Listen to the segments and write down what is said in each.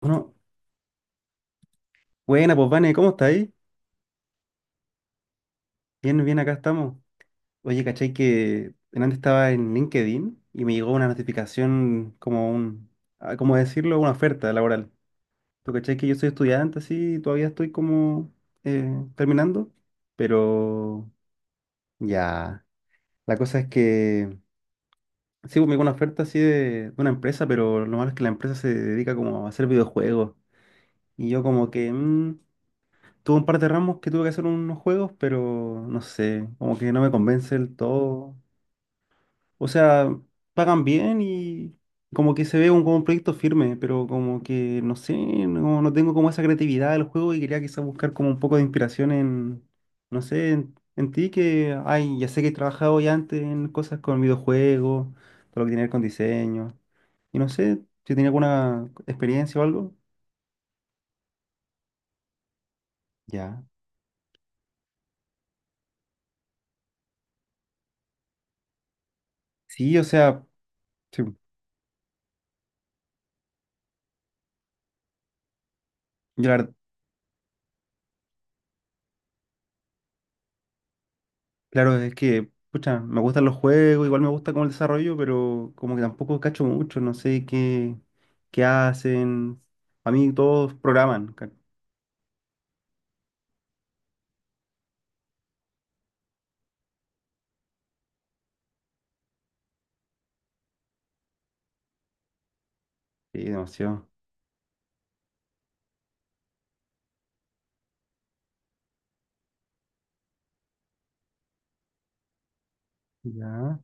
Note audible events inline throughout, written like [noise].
Bueno, Buena, pues Vane, ¿cómo está ahí? Bien, bien, acá estamos. Oye, ¿cachai que antes estaba en LinkedIn y me llegó una notificación como un, ¿cómo decirlo? Una oferta laboral. ¿Tú cachai que yo soy estudiante, así, todavía estoy como terminando? Pero ya, la cosa es que sí, pues, me llegó una oferta así de una empresa, pero lo malo es que la empresa se dedica como a hacer videojuegos. Y yo como que, tuve un par de ramos que tuve que hacer unos juegos, pero no sé, como que no me convence del todo. O sea, pagan bien y como que se ve un, como un proyecto firme, pero como que no sé, no, no tengo como esa creatividad del juego y quería quizás buscar como un poco de inspiración en, no sé, en ti que, ay, ya sé que he trabajado ya antes en cosas con videojuegos, todo lo que tiene que ver con diseño. Y no sé si tenía alguna experiencia o algo. Ya. Sí, o sea, sí, yo la verdad. Claro, es que, pucha, me gustan los juegos, igual me gusta como el desarrollo, pero como que tampoco cacho mucho, no sé qué hacen. A mí todos programan. Sí, demasiado. Ya,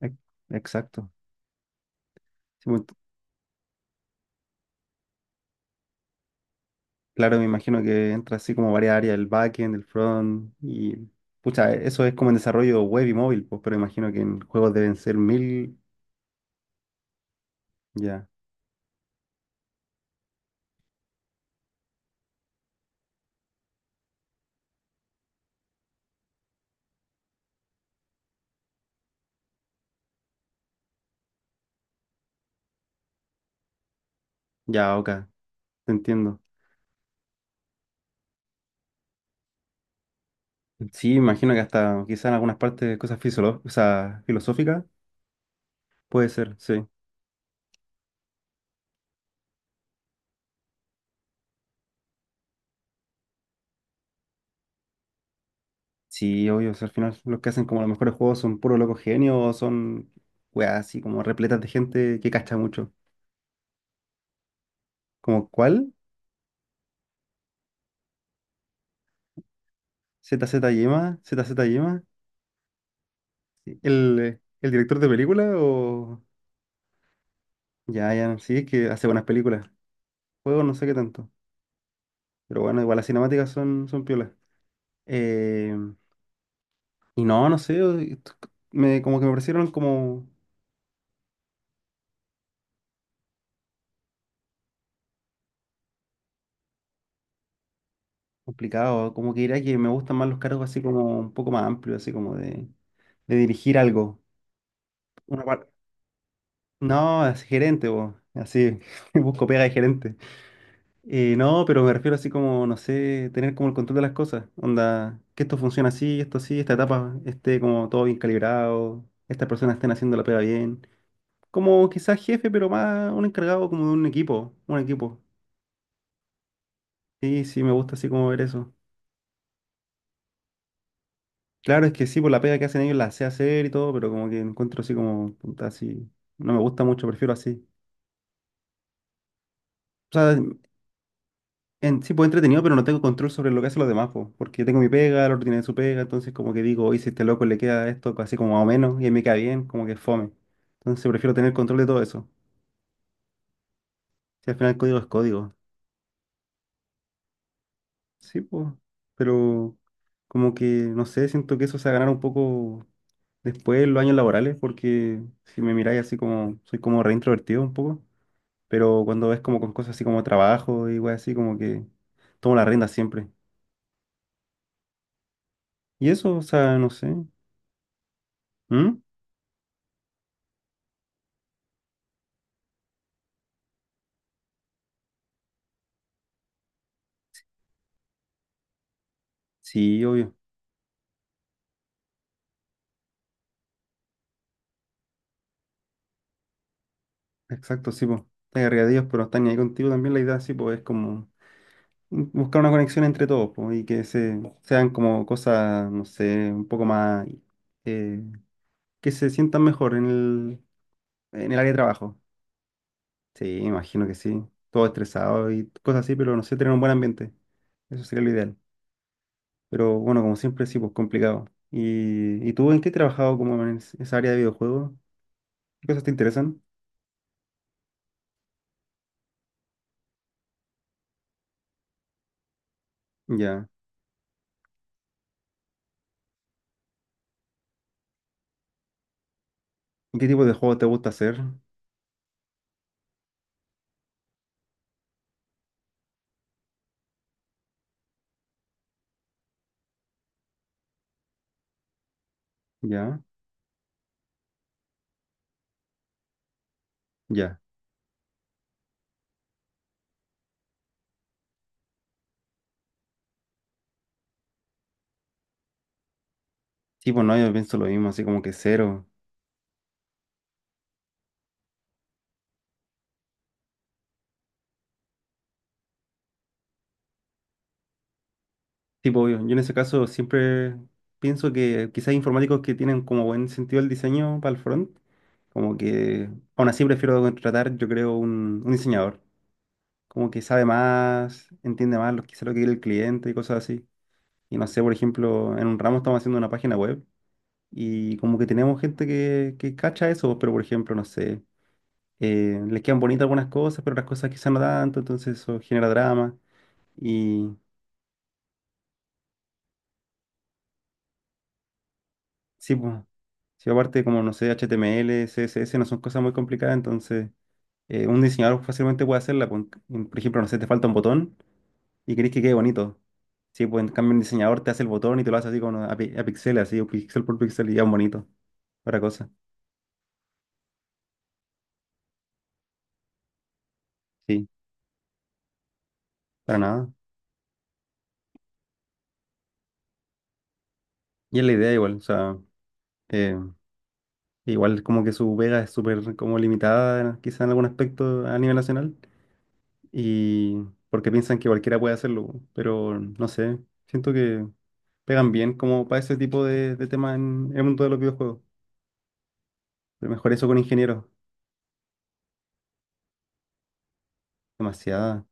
ex- exacto. Sí, pues, claro, me imagino que entra así como varias áreas, el backend, el front, y pucha, eso es como en desarrollo web y móvil, pues, pero imagino que en juegos deben ser mil. Ya, ya, ok, te entiendo. Sí, imagino que hasta quizá en algunas partes cosas o sea, filosóficas. Puede ser, sí. Sí, obvio, o sea, al final los que hacen como los mejores juegos son puros locos genios o son weas así como repletas de gente que cacha mucho. ¿Como cuál? ¿Z Z Yema? ¿Z Z Yema? Sí. El director de película o...? Ya, ya, sí, es que hace buenas películas. Juegos no sé qué tanto. Pero bueno, igual las cinemáticas son, son piolas. Eh, no sé, como que me parecieron como complicados, como que diría que me gustan más los cargos así como un poco más amplios, así como de dirigir algo. Una par- No, es gerente, vos. Así, [laughs] busco pega de gerente. No, pero me refiero así como, no sé, tener como el control de las cosas. Onda, que esto funciona así, esto así, esta etapa esté como todo bien calibrado, estas personas estén haciendo la pega bien. Como quizás jefe, pero más un encargado como de un equipo, un equipo. Sí, sí, me gusta así como ver eso. Claro, es que sí, por la pega que hacen ellos la sé hacer y todo, pero como que encuentro así como, puta, así, no me gusta mucho, prefiero así. O sea, en, sí, pues entretenido, pero no tengo control sobre lo que hacen los demás, po, porque yo tengo mi pega, el otro tiene su pega, entonces como que digo, oye, si este loco le queda esto así como más o menos y a mí me queda bien, como que es fome. Entonces prefiero tener control de todo eso. Si al final el código es código. Sí, pues, pero como que, no sé, siento que eso se va a ganar un poco después en los años laborales, porque si me miráis así como, soy como reintrovertido un poco, pero cuando ves como con cosas así como trabajo y weas así, como que tomo la rienda siempre. Y eso, o sea, no sé. ¿Mm? Sí, obvio. Exacto, sí, pues. Están arriba de ellos, pero están ahí contigo también. La idea, sí, pues, es como buscar una conexión entre todos, pues, y que se, sean como cosas, no sé, un poco más, eh, que se sientan mejor en el área de trabajo. Sí, me imagino que sí. Todo estresado y cosas así, pero no sé, tener un buen ambiente. Eso sería lo ideal. Pero bueno, como siempre, sí, pues, complicado. ¿Y tú en qué has trabajado como en esa área de videojuegos? ¿Qué cosas te interesan? Ya. ¿Y qué tipo de juegos te gusta hacer? Ya. Ya. Sí, pues no, yo pienso lo mismo, así como que cero. Sí, pues, obvio. Yo en ese caso siempre pienso que quizás informáticos que tienen como buen sentido el diseño para el front, como que aún así prefiero contratar, yo creo, un diseñador, como que sabe más, entiende más lo, quizás lo que quiere el cliente y cosas así. Y no sé, por ejemplo, en un ramo estamos haciendo una página web y como que tenemos gente que cacha eso, pero por ejemplo, no sé, les quedan bonitas algunas cosas, pero otras cosas quizás no tanto, entonces eso genera drama. Y sí, pues. Sí, aparte, como no sé, HTML CSS no son cosas muy complicadas, entonces un diseñador fácilmente puede hacerla. Por ejemplo, no sé, te falta un botón y querés que quede bonito. Sí, pues en cambio un diseñador te hace el botón y te lo hace así como a, a pixeles, así, o pixel por pixel y ya es bonito. Para cosa. Sí, para nada. Y es la idea igual, o sea, eh, igual como que su vega es súper como limitada, quizá en algún aspecto a nivel nacional, y porque piensan que cualquiera puede hacerlo, pero no sé, siento que pegan bien como para ese tipo de temas en el mundo de los videojuegos. Pero mejor eso con ingenieros. Demasiada.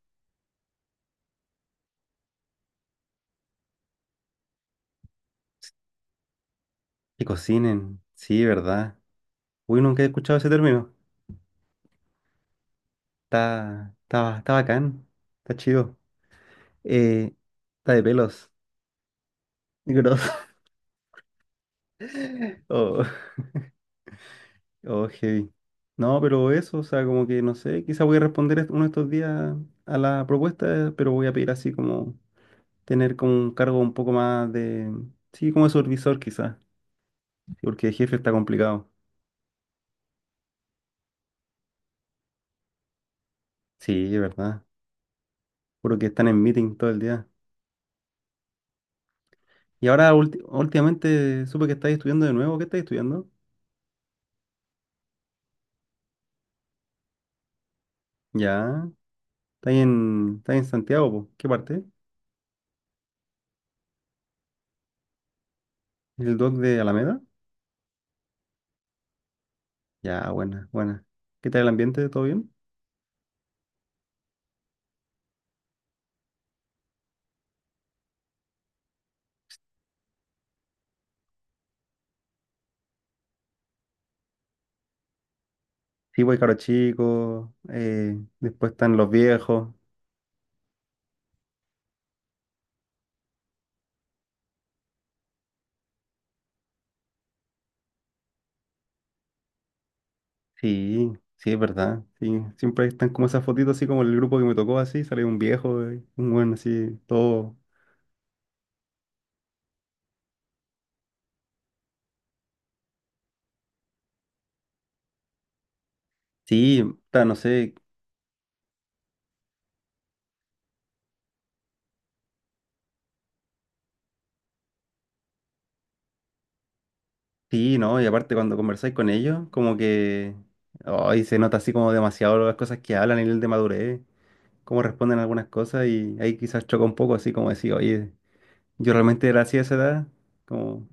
Que cocinen. Sí, ¿verdad? Uy, nunca he escuchado ese término. Está, está, está bacán. Está chido. Eh, está de pelos. [laughs] Grosso. [laughs] Oh, oh, heavy. No, pero eso, o sea, como que no sé, quizá voy a responder uno de estos días a la propuesta, pero voy a pedir así como tener como un cargo un poco más de, sí, como de supervisor quizás, porque el jefe está complicado. Sí, es verdad. Juro que están en meeting todo el día. Y ahora últimamente supe que estáis estudiando de nuevo. ¿Qué estáis estudiando? Ya. estáis en, Santiago, po? ¿Qué parte? ¿El doc de Alameda? Ya, buena, buena. ¿Qué tal el ambiente? ¿Todo bien? Sí, voy caro chico. Después están los viejos. Sí, sí, es verdad. Sí, siempre están como esas fotitos así como el grupo que me tocó así. Sale un viejo, un buen así, todo. Sí, ta, no sé. Sí, ¿no? Y aparte cuando conversáis con ellos, como que ay, se nota así como demasiado las cosas que hablan, el nivel de madurez, cómo responden algunas cosas y ahí quizás choca un poco así como decir, oye, yo realmente era así a esa edad, como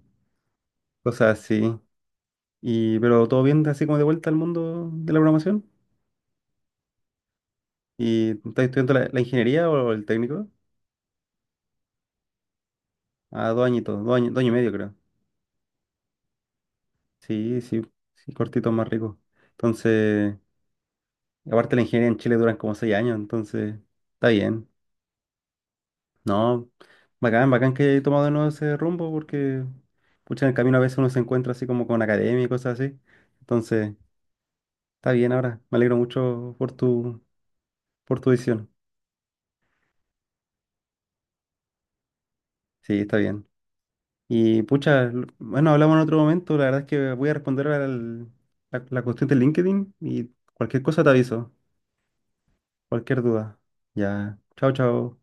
cosas así. Y, pero todo bien así como de vuelta al mundo de la programación. ¿Y estás estudiando la, la ingeniería o el técnico? Ah, 2 añitos, 2 años, 2 años y medio creo. Sí, sí, sí, cortito más rico. Entonces, aparte la ingeniería en Chile duran como 6 años, entonces está bien. No, bacán, bacán que he tomado de nuevo ese rumbo porque, pucha, en el camino a veces uno se encuentra así como con academia y cosas así. Entonces, está bien ahora. Me alegro mucho por tu decisión. Sí, está bien. Y, pucha, bueno, hablamos en otro momento. La verdad es que voy a responder la cuestión de LinkedIn y cualquier cosa te aviso, cualquier duda. Ya, chao, chao.